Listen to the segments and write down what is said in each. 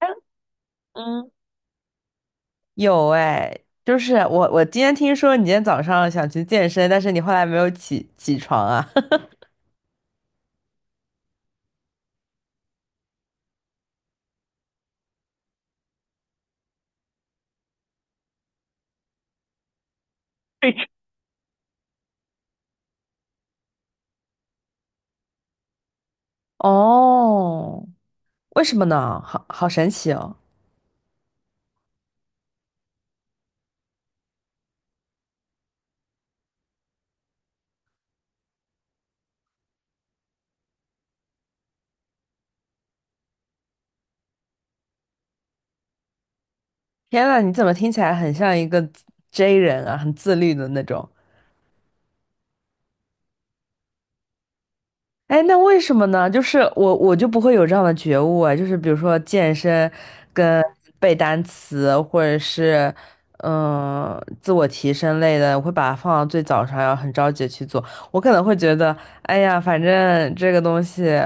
嗯，有哎，就是我今天听说你今天早上想去健身，但是你后来没有起床啊？对，哦，为什么呢？好好神奇哦！天呐，你怎么听起来很像一个 J 人啊，很自律的那种？哎，那为什么呢？就是我就不会有这样的觉悟啊，就是比如说健身跟背单词，或者是自我提升类的，我会把它放到最早上，要很着急地去做。我可能会觉得，哎呀，反正这个东西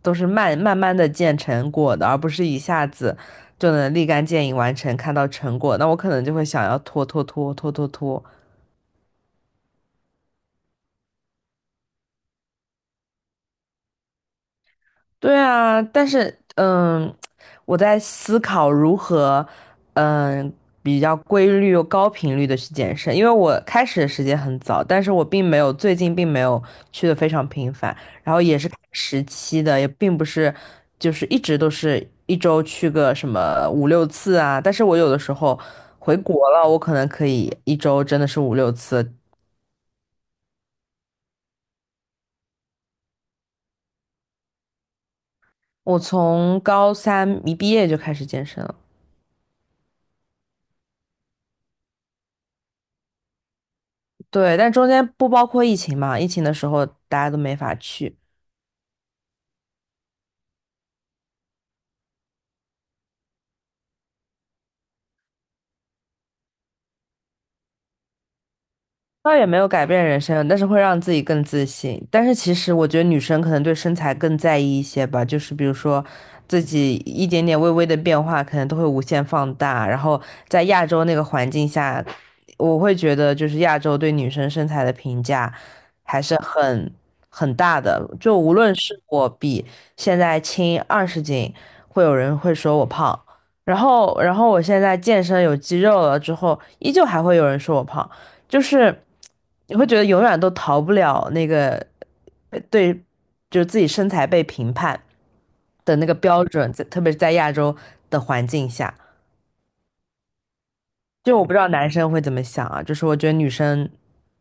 都是慢慢的见成果的，而不是一下子就能立竿见影完成，看到成果。那我可能就会想要拖拖拖拖拖拖。对啊，但是我在思考如何嗯比较规律又高频率的去健身，因为我开始的时间很早，但是我并没有最近并没有去的非常频繁，然后也是看时期的，也并不是就是一直都是一周去个什么五六次啊，但是我有的时候回国了，我可能可以一周真的是五六次。我从高三一毕业就开始健身了。对，但中间不包括疫情嘛，疫情的时候大家都没法去。倒也没有改变人生，但是会让自己更自信。但是其实我觉得女生可能对身材更在意一些吧，就是比如说自己一点点微微的变化，可能都会无限放大。然后在亚洲那个环境下，我会觉得就是亚洲对女生身材的评价还是很大的。就无论是我比现在轻20斤，会有人会说我胖。然后我现在健身有肌肉了之后，依旧还会有人说我胖。就是你会觉得永远都逃不了那个对，就是自己身材被评判的那个标准，在特别是在亚洲的环境下，就我不知道男生会怎么想啊，就是我觉得女生。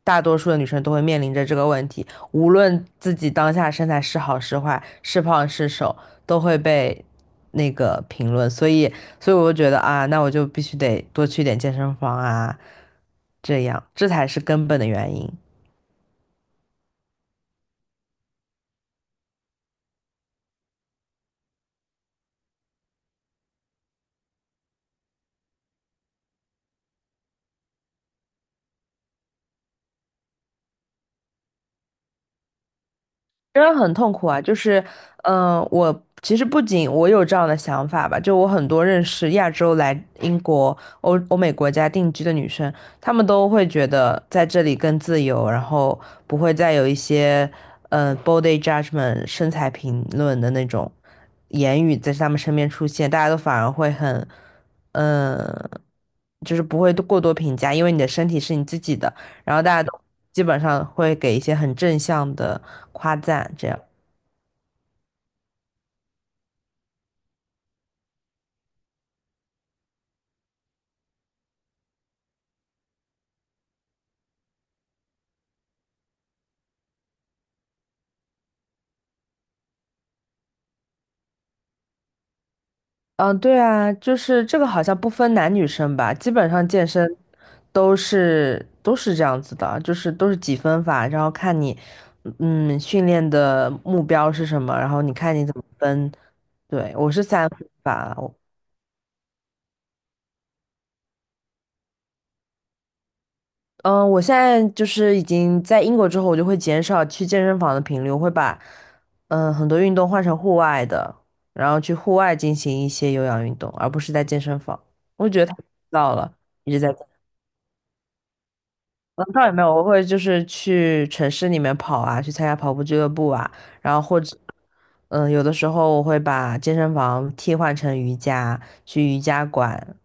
大多数的女生都会面临着这个问题，无论自己当下身材是好是坏，是胖是瘦，都会被那个评论，所以我就觉得啊，那我就必须得多去点健身房啊，这样，这才是根本的原因。真的很痛苦啊！就是，我其实不仅我有这样的想法吧，就我很多认识亚洲来英国、欧美国家定居的女生，她们都会觉得在这里更自由，然后不会再有一些，body judgment 身材评论的那种言语在她们身边出现，大家都反而会很，嗯、就是不会过多评价，因为你的身体是你自己的。然后大家都基本上会给一些很正向的夸赞，这样。嗯，对啊，就是这个好像不分男女生吧，基本上健身都是这样子的，就是都是几分法，然后看你训练的目标是什么，然后你看你怎么分。对，我是三分法，嗯，我现在就是已经在英国之后，我就会减少去健身房的频率，我会把很多运动换成户外的，然后去户外进行一些有氧运动，而不是在健身房。我觉得太枯燥了，一直在。嗯，倒也没有，我会就是去城市里面跑啊，去参加跑步俱乐部啊，然后或者，嗯，有的时候我会把健身房替换成瑜伽，去瑜伽馆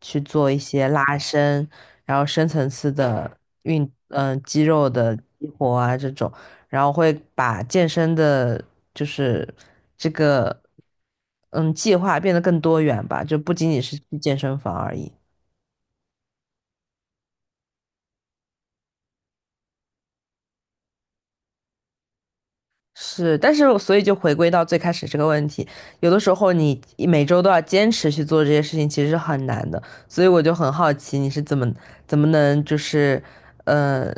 去做一些拉伸，然后深层次的肌肉的激活啊这种，然后会把健身的，就是这个，嗯，计划变得更多元吧，就不仅仅是去健身房而已。是，但是我所以就回归到最开始这个问题，有的时候你每周都要坚持去做这些事情，其实是很难的。所以我就很好奇，你是怎么能就是，呃，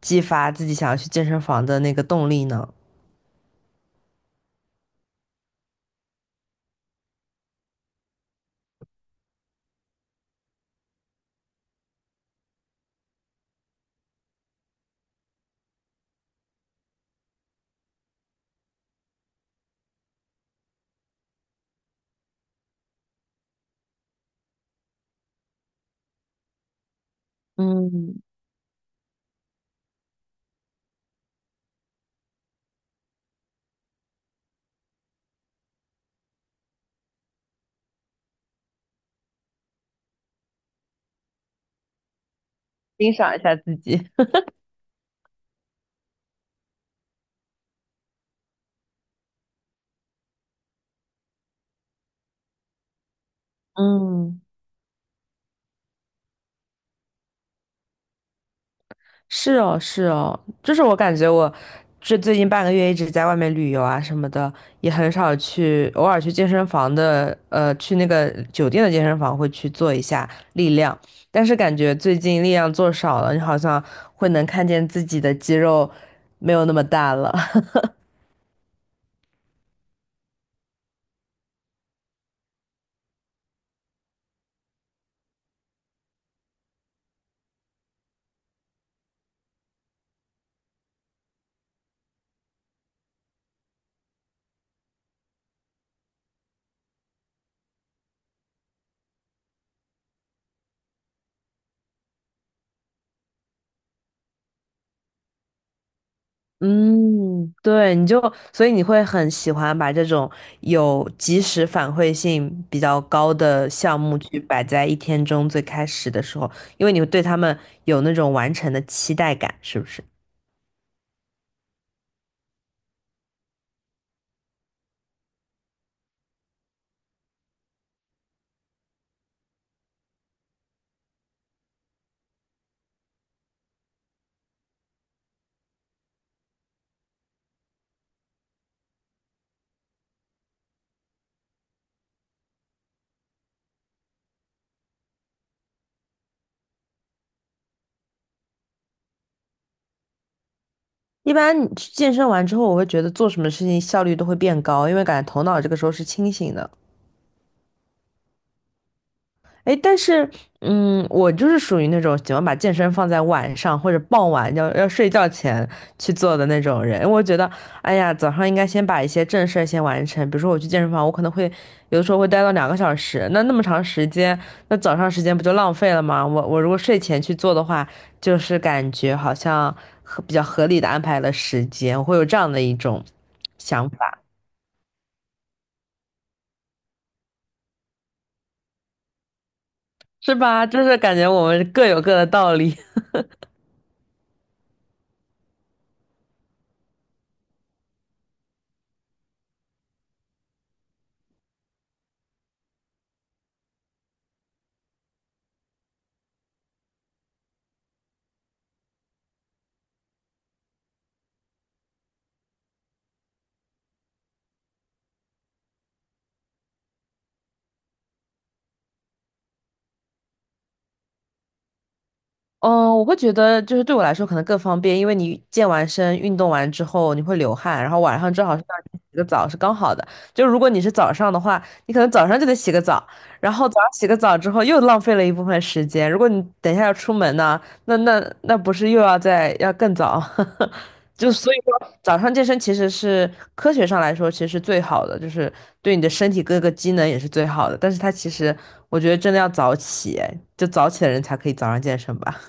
激发自己想要去健身房的那个动力呢？嗯，欣赏一下自己。嗯。是哦，是哦，就是我感觉我这最近半个月一直在外面旅游啊什么的，也很少去，偶尔去健身房的，去那个酒店的健身房会去做一下力量，但是感觉最近力量做少了，你好像会能看见自己的肌肉没有那么大了。嗯，对，你就，所以你会很喜欢把这种有及时反馈性比较高的项目去摆在一天中最开始的时候，因为你会对他们有那种完成的期待感，是不是？一般你去健身完之后，我会觉得做什么事情效率都会变高，因为感觉头脑这个时候是清醒的。哎，但是，嗯，我就是属于那种喜欢把健身放在晚上或者傍晚要睡觉前去做的那种人。我觉得，哎呀，早上应该先把一些正事儿先完成。比如说，我去健身房，我可能会有的时候会待到2个小时，那么长时间，那早上时间不就浪费了吗？我如果睡前去做的话，就是感觉好像比较合理的安排了时间，我会有这样的一种想法，是吧？就是感觉我们各有各的道理。嗯，我会觉得就是对我来说可能更方便，因为你健完身、运动完之后你会流汗，然后晚上正好是让你洗个澡是刚好的。就如果你是早上的话，你可能早上就得洗个澡，然后早上洗个澡之后又浪费了一部分时间。如果你等一下要出门呢，那不是又要更早？就所以说早上健身其实是科学上来说其实是最好的，就是对你的身体各个机能也是最好的。但是它其实我觉得真的要早起，哎就早起的人才可以早上健身吧。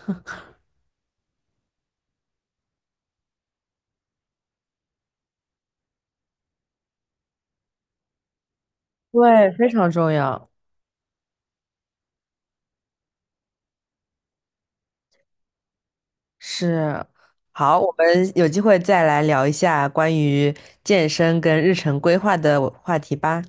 对，非常重要。是，好，我们有机会再来聊一下关于健身跟日程规划的话题吧。